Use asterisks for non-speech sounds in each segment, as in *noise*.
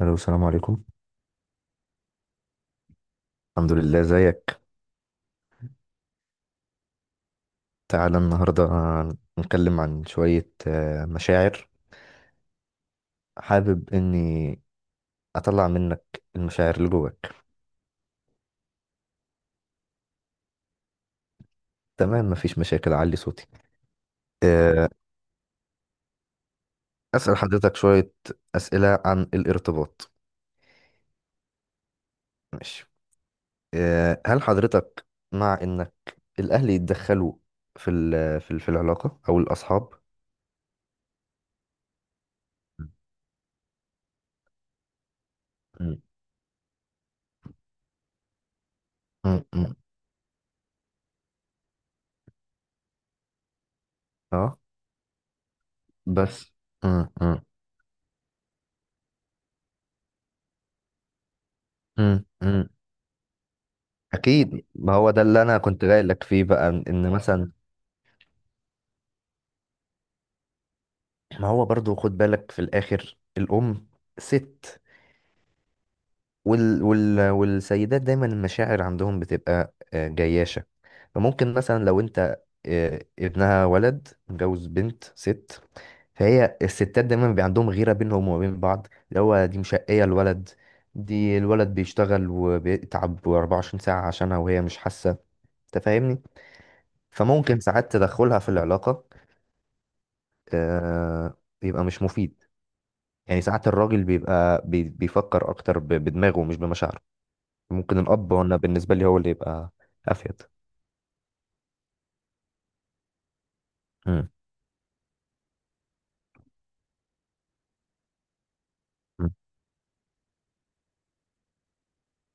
الو، السلام عليكم. الحمد لله، زيك. تعالى النهارده نتكلم عن شوية مشاعر. حابب اني اطلع منك المشاعر اللي جواك. تمام، مفيش مشاكل، اعلي صوتي. آه، اسأل حضرتك شوية اسئلة عن الارتباط. ماشي. هل حضرتك مع انك الاهل يتدخلوا في العلاقة او الاصحاب؟ م- م- م- م. اه، بس م- م- م- م- اكيد، ما هو ده اللي انا كنت جاي لك فيه بقى، ان مثلا ما هو برضو خد بالك في الاخر، الام ست، والسيدات دايما المشاعر عندهم بتبقى جياشة. فممكن مثلا لو انت ابنها، ولد متجوز بنت ست، فهي الستات دايما بيبقى عندهم غيرة بينهم وبين بعض، اللي هو دي مشقية الولد، دي الولد بيشتغل وبيتعب 24 ساعة عشانها وهي مش حاسة. انت فاهمني؟ فممكن ساعات تدخلها في العلاقة بيبقى مش مفيد. يعني ساعات الراجل بيبقى بيفكر اكتر بدماغه مش بمشاعره. ممكن الاب، وانا بالنسبه لي هو اللي يبقى افيد. مم. مم.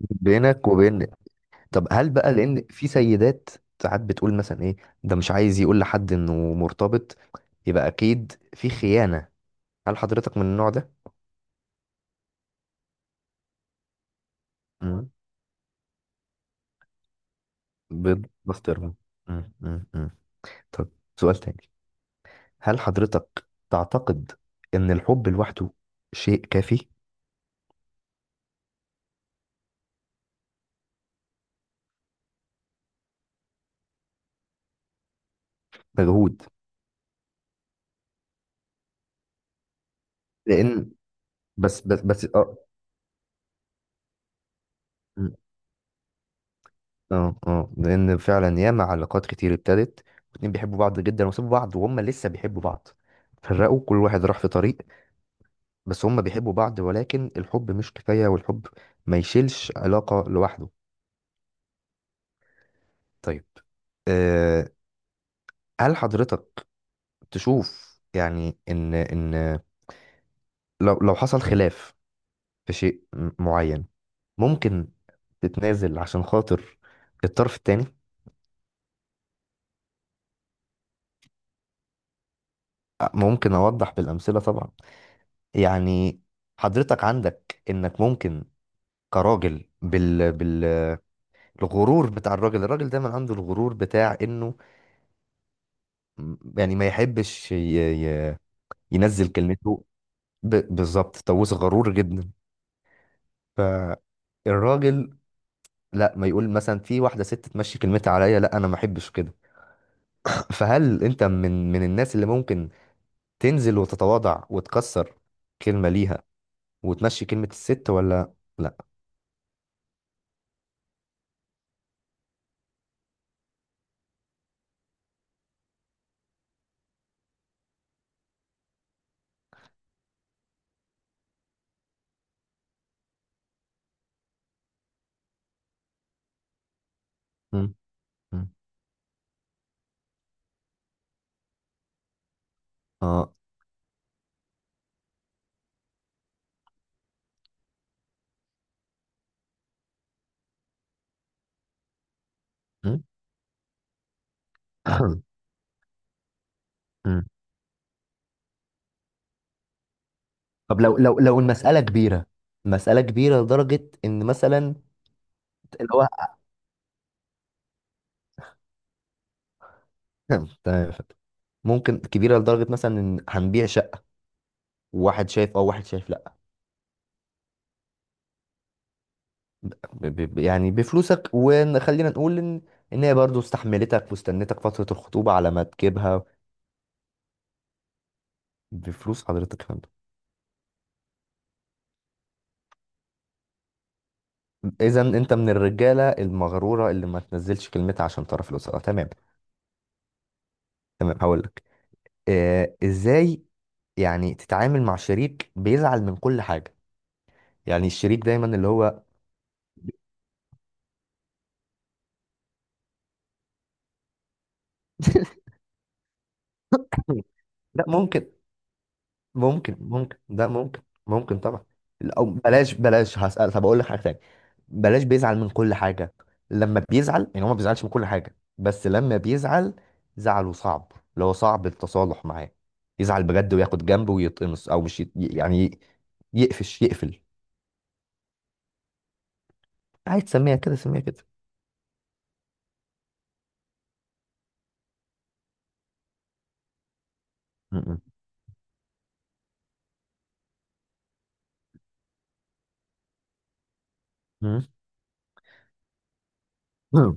بينك وبين. طب هل بقى، لان في سيدات ساعات بتقول مثلا ايه، ده مش عايز يقول لحد انه مرتبط، يبقى اكيد في خيانه، هل حضرتك من النوع ده؟ مم. بيض بسطرمه. مم. مم. مم. طب، سؤال تاني. هل حضرتك تعتقد ان الحب لوحده شيء كافي؟ مجهود. لان بس اه م. اه اه لان فعلا ياما علاقات كتير ابتدت، واتنين بيحبوا بعض جدا وسابوا بعض وهم لسه بيحبوا بعض، فرقوا، كل واحد راح في طريق. بس هم بيحبوا بعض، ولكن الحب مش كفاية، والحب ما يشيلش علاقة لوحده. طيب، آه، هل حضرتك تشوف يعني ان لو حصل خلاف في شيء معين، ممكن تتنازل عشان خاطر الطرف التاني؟ ممكن اوضح بالامثله طبعا. يعني حضرتك عندك انك ممكن كراجل بالغرور بتاع الراجل، الراجل دايما عنده الغرور بتاع انه يعني ما يحبش ي... ينزل كلمته ب... بالظبط، طاووس، غرور جدا. فالراجل، لا ما يقول مثلا في واحده ست تمشي كلمتها عليا، لا انا ما احبش كده. *laughs* فهل انت من الناس اللي ممكن تنزل وتتواضع وتكسر كلمه ليها وتمشي كلمه الست، ولا لا؟ مم. مم. اه. مم. *coughs* مم. طب لو المسألة كبيرة، مسألة كبيرة لدرجة إن مثلا اللي هو *laughs* تمام يا فندم. ممكن كبيرة لدرجة مثلا إن هنبيع شقة، وواحد شايف أه وواحد شايف لأ. ب- يعني بفلوسك، وخلينا نقول إن هي برضه استحملتك واستنتك فترة الخطوبة على ما تجيبها. بفلوس حضرتك يا فندم. إذا أنت من الرجالة المغرورة اللي ما تنزلش كلمتها عشان طرف الأسرة، تمام. تمام، هقول لك، إزاي يعني تتعامل مع شريك بيزعل من كل حاجة؟ يعني الشريك دايما اللي هو. لا، ممكن. ممكن. ممكن ده ممكن ممكن طبعا. او بلاش، هسأل. طب اقول لك حاجه تانية، بلاش بيزعل من كل حاجه، لما بيزعل، يعني هو ما بيزعلش من كل حاجه بس لما بيزعل زعله صعب، اللي هو صعب التصالح معاه، يزعل بجد وياخد جنبه ويتقمص او مش يعني يقفش، يقفل. عايز تسميها كده سميها كده. م- م- م.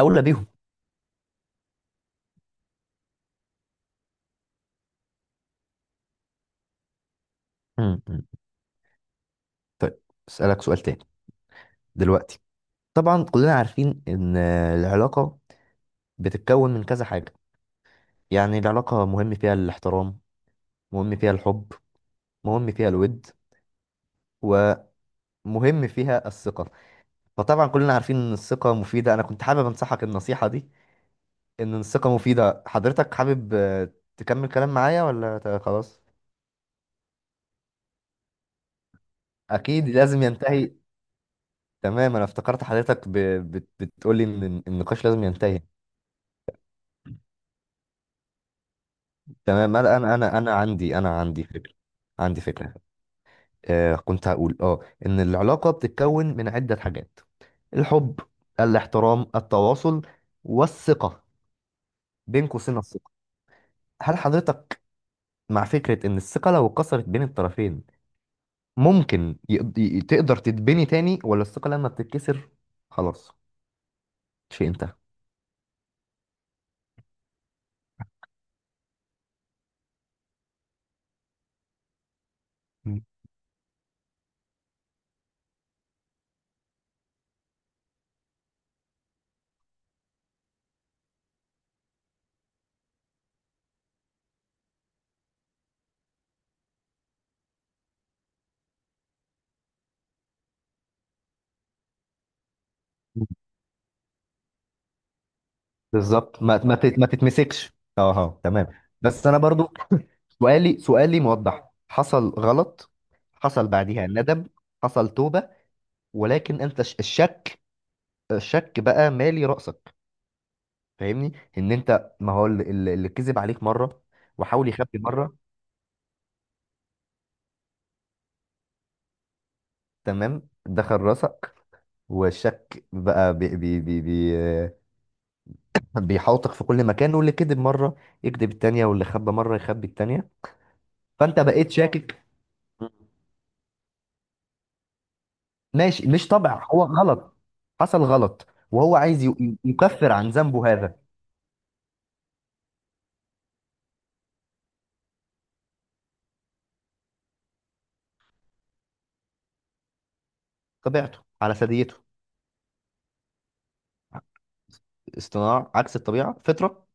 اولى بيهم. م- م. طيب، اسالك سؤال تاني. دلوقتي طبعا كلنا عارفين ان العلاقه بتتكون من كذا حاجة، يعني العلاقة مهم فيها الاحترام، مهم فيها الحب، مهم فيها الود، ومهم فيها الثقة. فطبعا كلنا عارفين ان الثقة مفيدة. انا كنت حابب انصحك النصيحة دي، ان الثقة مفيدة. حضرتك حابب تكمل كلام معايا ولا خلاص؟ اكيد لازم ينتهي. تمام، انا افتكرت حضرتك بتقولي ان النقاش لازم ينتهي. تمام، لا، انا عندي فكرة. عندي فكرة. كنت هقول ان العلاقة بتتكون من عدة حاجات، الحب، الاحترام، التواصل، والثقة. بين قوسين الثقة. هل حضرتك مع فكرة ان الثقة لو اتكسرت بين الطرفين ممكن تقدر تتبني تاني، ولا الثقة لما بتتكسر خلاص شيء انتهى؟ مم. بالظبط، ما تتمسكش. تمام. بس انا برضو سؤالي، موضح، حصل غلط، حصل بعديها ندم، حصل توبة، ولكن انت الشك، بقى مالي رأسك. فاهمني؟ ان انت، ما هو اللي، اللي كذب عليك مرة وحاول يخبي مرة، تمام، دخل راسك. والشك بقى بي بي بي بي بيحاوطك في كل مكان، واللي كذب مرة يكذب التانية، واللي خبى مرة يخبي التانية، فانت بقيت شاكك. ماشي، مش طبع، هو غلط، حصل غلط وهو عايز يكفر عن ذنبه هذا. طبيعته على ثديته. اصطناع عكس الطبيعة، فطرة.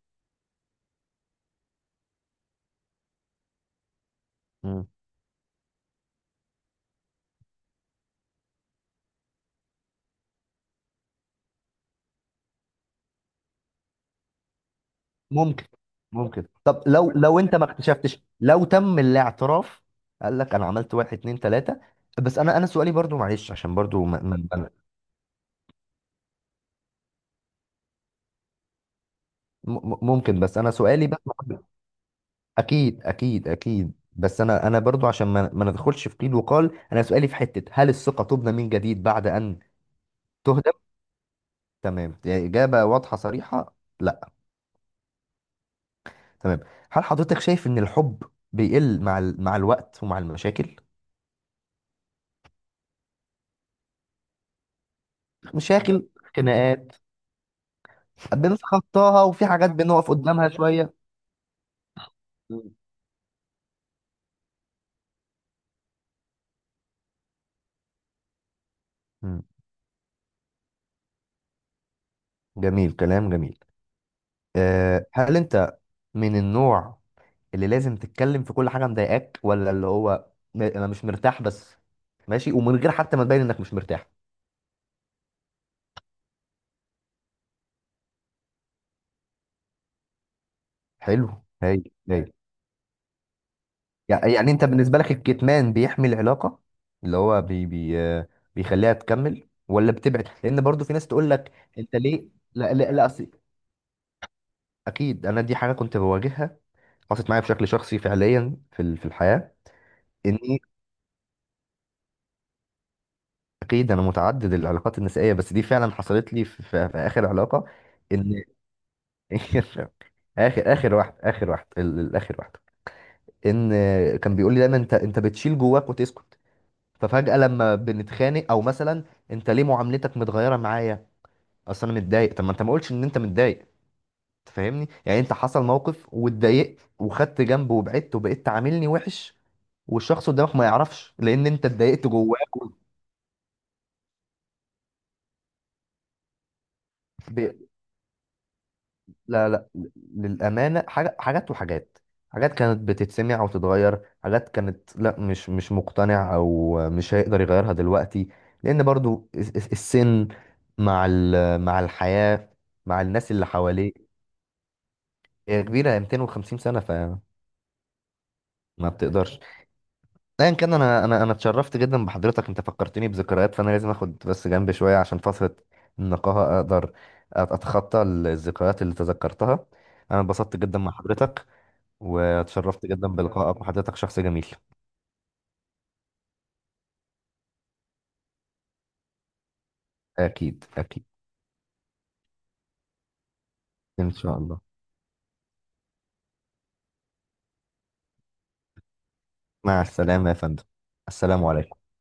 ممكن، ممكن. طب لو انت ما اكتشفتش، لو تم الاعتراف، قال لك انا عملت واحد اتنين تلاتة، بس انا سؤالي برضو، معلش، عشان برضو ممكن، بس انا سؤالي بس. اكيد بس انا برضو عشان ما ندخلش في قيل وقال، انا سؤالي في حتة، هل الثقة تبنى من جديد بعد ان تهدم؟ تمام، يعني اجابة واضحة صريحة، لا. تمام. هل حضرتك شايف ان الحب بيقل مع مع الوقت ومع المشاكل؟ مشاكل، خناقات، بنتخطاها، وفي حاجات بنقف قدامها شوية. مم. مم. جميل، كلام جميل. أه، هل انت من النوع اللي لازم تتكلم في كل حاجة مضايقاك، ولا اللي هو انا مش مرتاح بس ماشي، ومن غير حتى ما تبين انك مش مرتاح؟ حلو، هايل، هايل. يعني انت بالنسبة لك الكتمان بيحمي العلاقة، اللي هو بي بي آه، بيخليها تكمل، ولا بتبعد، لان برضو في ناس تقول لك. انت ليه؟ لا لا لا، اكيد انا دي حاجة كنت بواجهها، حصلت معايا بشكل شخصي فعليا في الحياة. اني، اكيد انا متعدد العلاقات النسائيه، بس دي فعلا حصلت لي في اخر علاقه. ان *laughs* اخر واحد، ان كان بيقول لي دايما انت، بتشيل جواك وتسكت، ففجاه لما بنتخانق او مثلا، انت ليه معاملتك متغيره معايا؟ اصل انا متضايق. طب ما انت ما قلتش ان انت متضايق. أنت فاهمني؟ يعني انت حصل موقف واتضايقت وخدت جنب وبعدت وبقيت تعاملني وحش، والشخص قدامك ما يعرفش لان انت اتضايقت جواه. لا، لا. للأمانة، حاجة حاجات وحاجات، حاجات كانت بتتسمع وتتغير، حاجات كانت لا، مش مش مقتنع، أو مش هيقدر يغيرها دلوقتي، لأن برضو السن مع مع الحياة، مع الناس اللي حواليه. هي كبيرة، هي 250 سنة، فما بتقدرش. أيا كان، أنا اتشرفت جدا بحضرتك، أنت فكرتني بذكريات، فأنا لازم آخد بس جنب شوية عشان فترة النقاهة أقدر أتخطى الذكريات اللي تذكرتها. أنا اتبسطت جدا مع حضرتك، واتشرفت جدا بلقائك، وحضرتك شخص جميل. أكيد، أكيد. إن شاء الله. مع السلامة يا فندم. السلام عليكم.